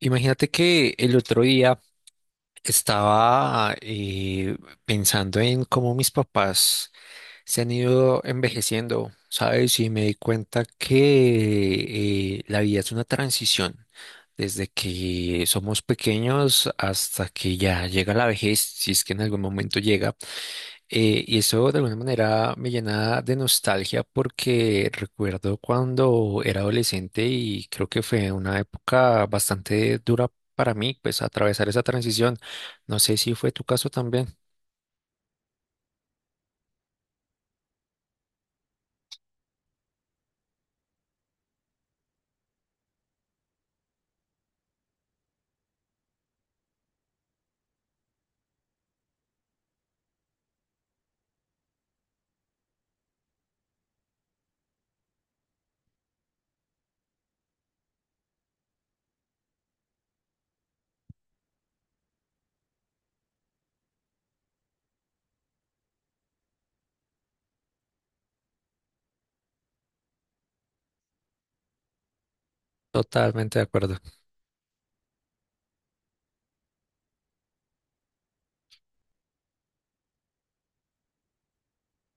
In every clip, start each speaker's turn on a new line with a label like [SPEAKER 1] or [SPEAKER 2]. [SPEAKER 1] Imagínate que el otro día estaba pensando en cómo mis papás se han ido envejeciendo, ¿sabes? Y me di cuenta que la vida es una transición, desde que somos pequeños hasta que ya llega la vejez, si es que en algún momento llega. Y eso de alguna manera me llena de nostalgia porque recuerdo cuando era adolescente y creo que fue una época bastante dura para mí, pues atravesar esa transición. No sé si fue tu caso también. Totalmente de acuerdo.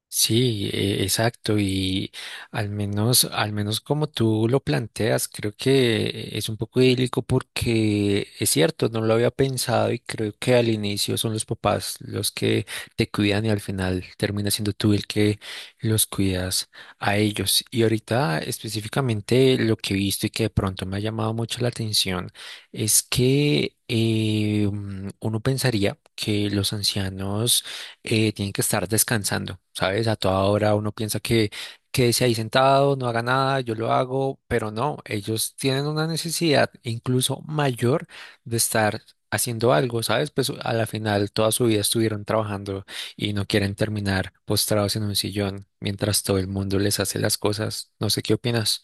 [SPEAKER 1] Sí, exacto. Y al menos como tú lo planteas, creo que es un poco idílico porque es cierto, no lo había pensado y creo que al inicio son los papás los que te cuidan y al final termina siendo tú el que los cuidas a ellos. Y ahorita específicamente lo que he visto y que de pronto me ha llamado mucho la atención es que uno pensaría que los ancianos tienen que estar descansando, ¿sabes? A toda hora uno piensa que quédese ahí sentado, no haga nada, yo lo hago, pero no, ellos tienen una necesidad incluso mayor de estar haciendo algo, ¿sabes? Pues a la final toda su vida estuvieron trabajando y no quieren terminar postrados en un sillón mientras todo el mundo les hace las cosas. No sé qué opinas.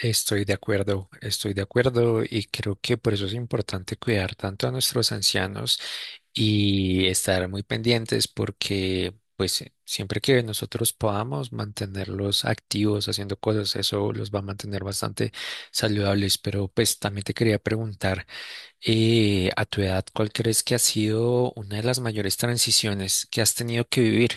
[SPEAKER 1] Estoy de acuerdo y creo que por eso es importante cuidar tanto a nuestros ancianos y estar muy pendientes porque pues siempre que nosotros podamos mantenerlos activos haciendo cosas, eso los va a mantener bastante saludables. Pero pues también te quería preguntar, a tu edad, ¿cuál crees que ha sido una de las mayores transiciones que has tenido que vivir?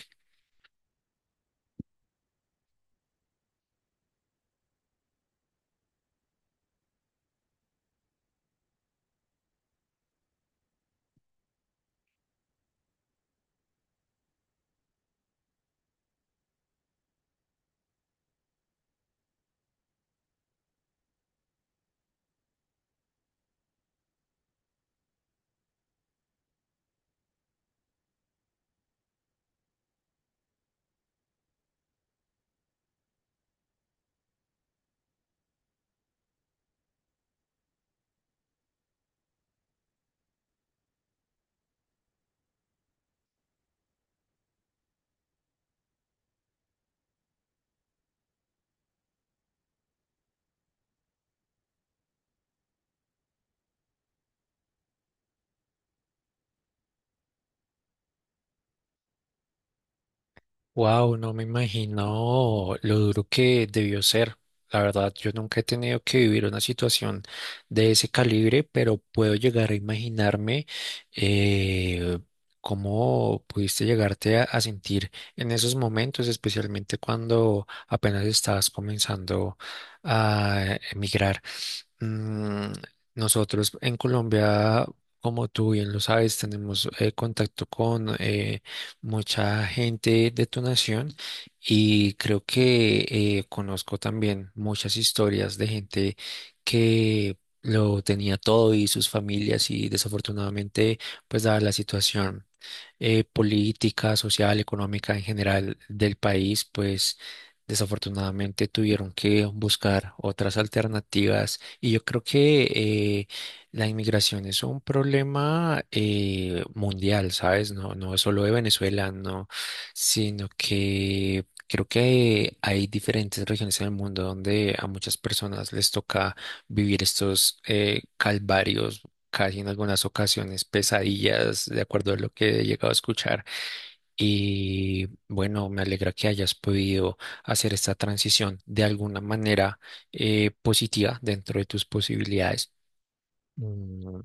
[SPEAKER 1] Wow, no me imagino lo duro que debió ser. La verdad, yo nunca he tenido que vivir una situación de ese calibre, pero puedo llegar a imaginarme eh, cómo pudiste llegarte a sentir en esos momentos, especialmente cuando apenas estabas comenzando a emigrar. Mm, nosotros en Colombia, como tú bien lo sabes, tenemos contacto con mucha gente de tu nación y creo que conozco también muchas historias de gente que lo tenía todo y sus familias y desafortunadamente, pues dada la situación política, social, económica en general del país, pues desafortunadamente tuvieron que buscar otras alternativas y yo creo que la inmigración es un problema mundial, ¿sabes? No, no es solo de Venezuela, no, sino que creo que hay diferentes regiones en el mundo donde a muchas personas les toca vivir estos calvarios, casi en algunas ocasiones pesadillas, de acuerdo a lo que he llegado a escuchar. Y bueno, me alegra que hayas podido hacer esta transición de alguna manera positiva dentro de tus posibilidades. Mm,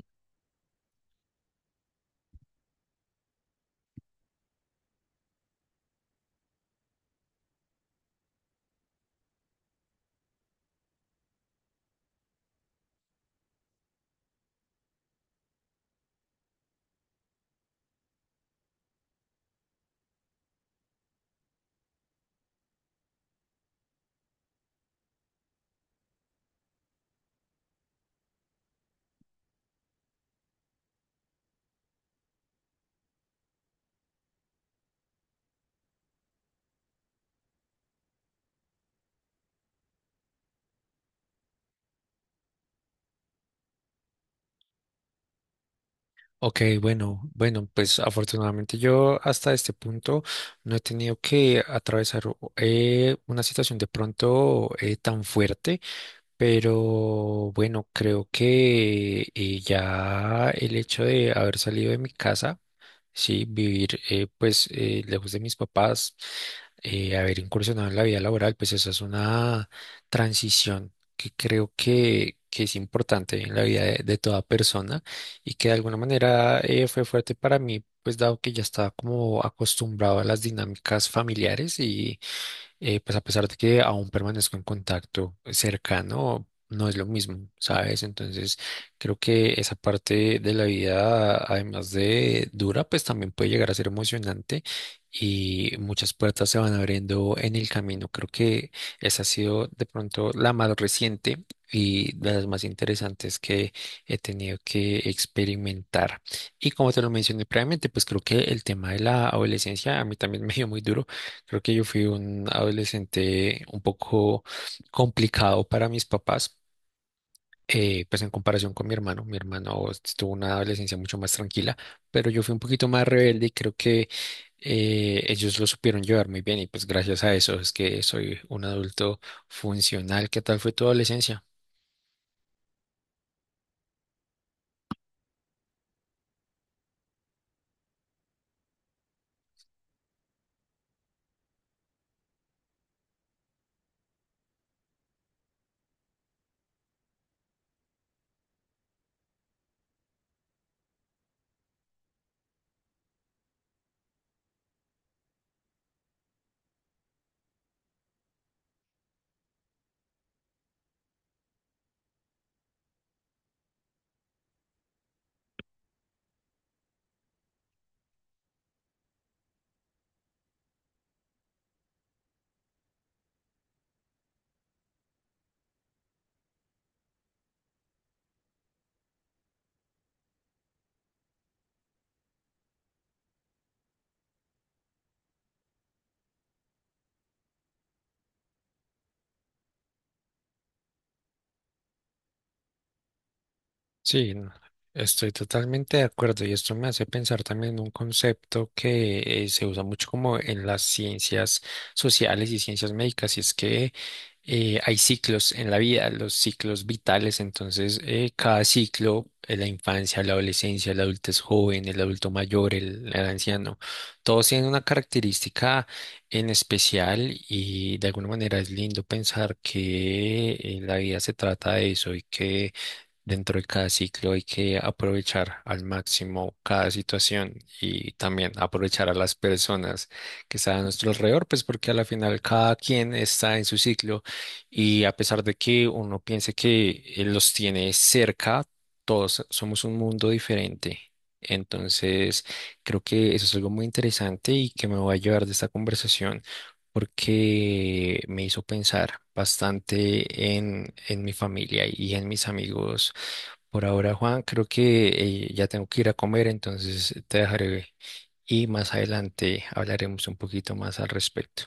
[SPEAKER 1] ok, bueno, bueno, pues afortunadamente yo hasta este punto no he tenido que atravesar una situación de pronto tan fuerte, pero bueno, creo que ya el hecho de haber salido de mi casa. Sí, vivir pues lejos de mis papás, haber incursionado en la vida laboral, pues esa es una transición que creo que es importante en la vida de toda persona y que de alguna manera fue fuerte para mí, pues dado que ya estaba como acostumbrado a las dinámicas familiares, pues a pesar de que aún permanezco en contacto cercano, no es lo mismo, ¿sabes? Entonces, creo que esa parte de la vida, además de dura, pues también puede llegar a ser emocionante y muchas puertas se van abriendo en el camino. Creo que esa ha sido de pronto la más reciente y de las más interesantes que he tenido que experimentar. Y como te lo mencioné previamente, pues creo que el tema de la adolescencia a mí también me dio muy duro. Creo que yo fui un adolescente un poco complicado para mis papás, pues en comparación con mi hermano. Mi hermano tuvo una adolescencia mucho más tranquila, pero yo fui un poquito más rebelde y creo que ellos lo supieron llevar muy bien y pues gracias a eso es que soy un adulto funcional. ¿Qué tal fue tu adolescencia? Sí, no, estoy totalmente de acuerdo y esto me hace pensar también en un concepto que se usa mucho como en las ciencias sociales y ciencias médicas y es que hay ciclos en la vida, los ciclos vitales, entonces cada ciclo, la infancia, la adolescencia, el adultez joven, el adulto mayor, el anciano, todos tienen una característica en especial y de alguna manera es lindo pensar que la vida se trata de eso y que dentro de cada ciclo hay que aprovechar al máximo cada situación y también aprovechar a las personas que están a nuestro alrededor, pues porque a la final cada quien está en su ciclo y a pesar de que uno piense que los tiene cerca, todos somos un mundo diferente. Entonces, creo que eso es algo muy interesante y que me voy a llevar de esta conversación porque me hizo pensar bastante en mi familia y en mis amigos. Por ahora, Juan, creo que ya tengo que ir a comer, entonces te dejaré y más adelante hablaremos un poquito más al respecto.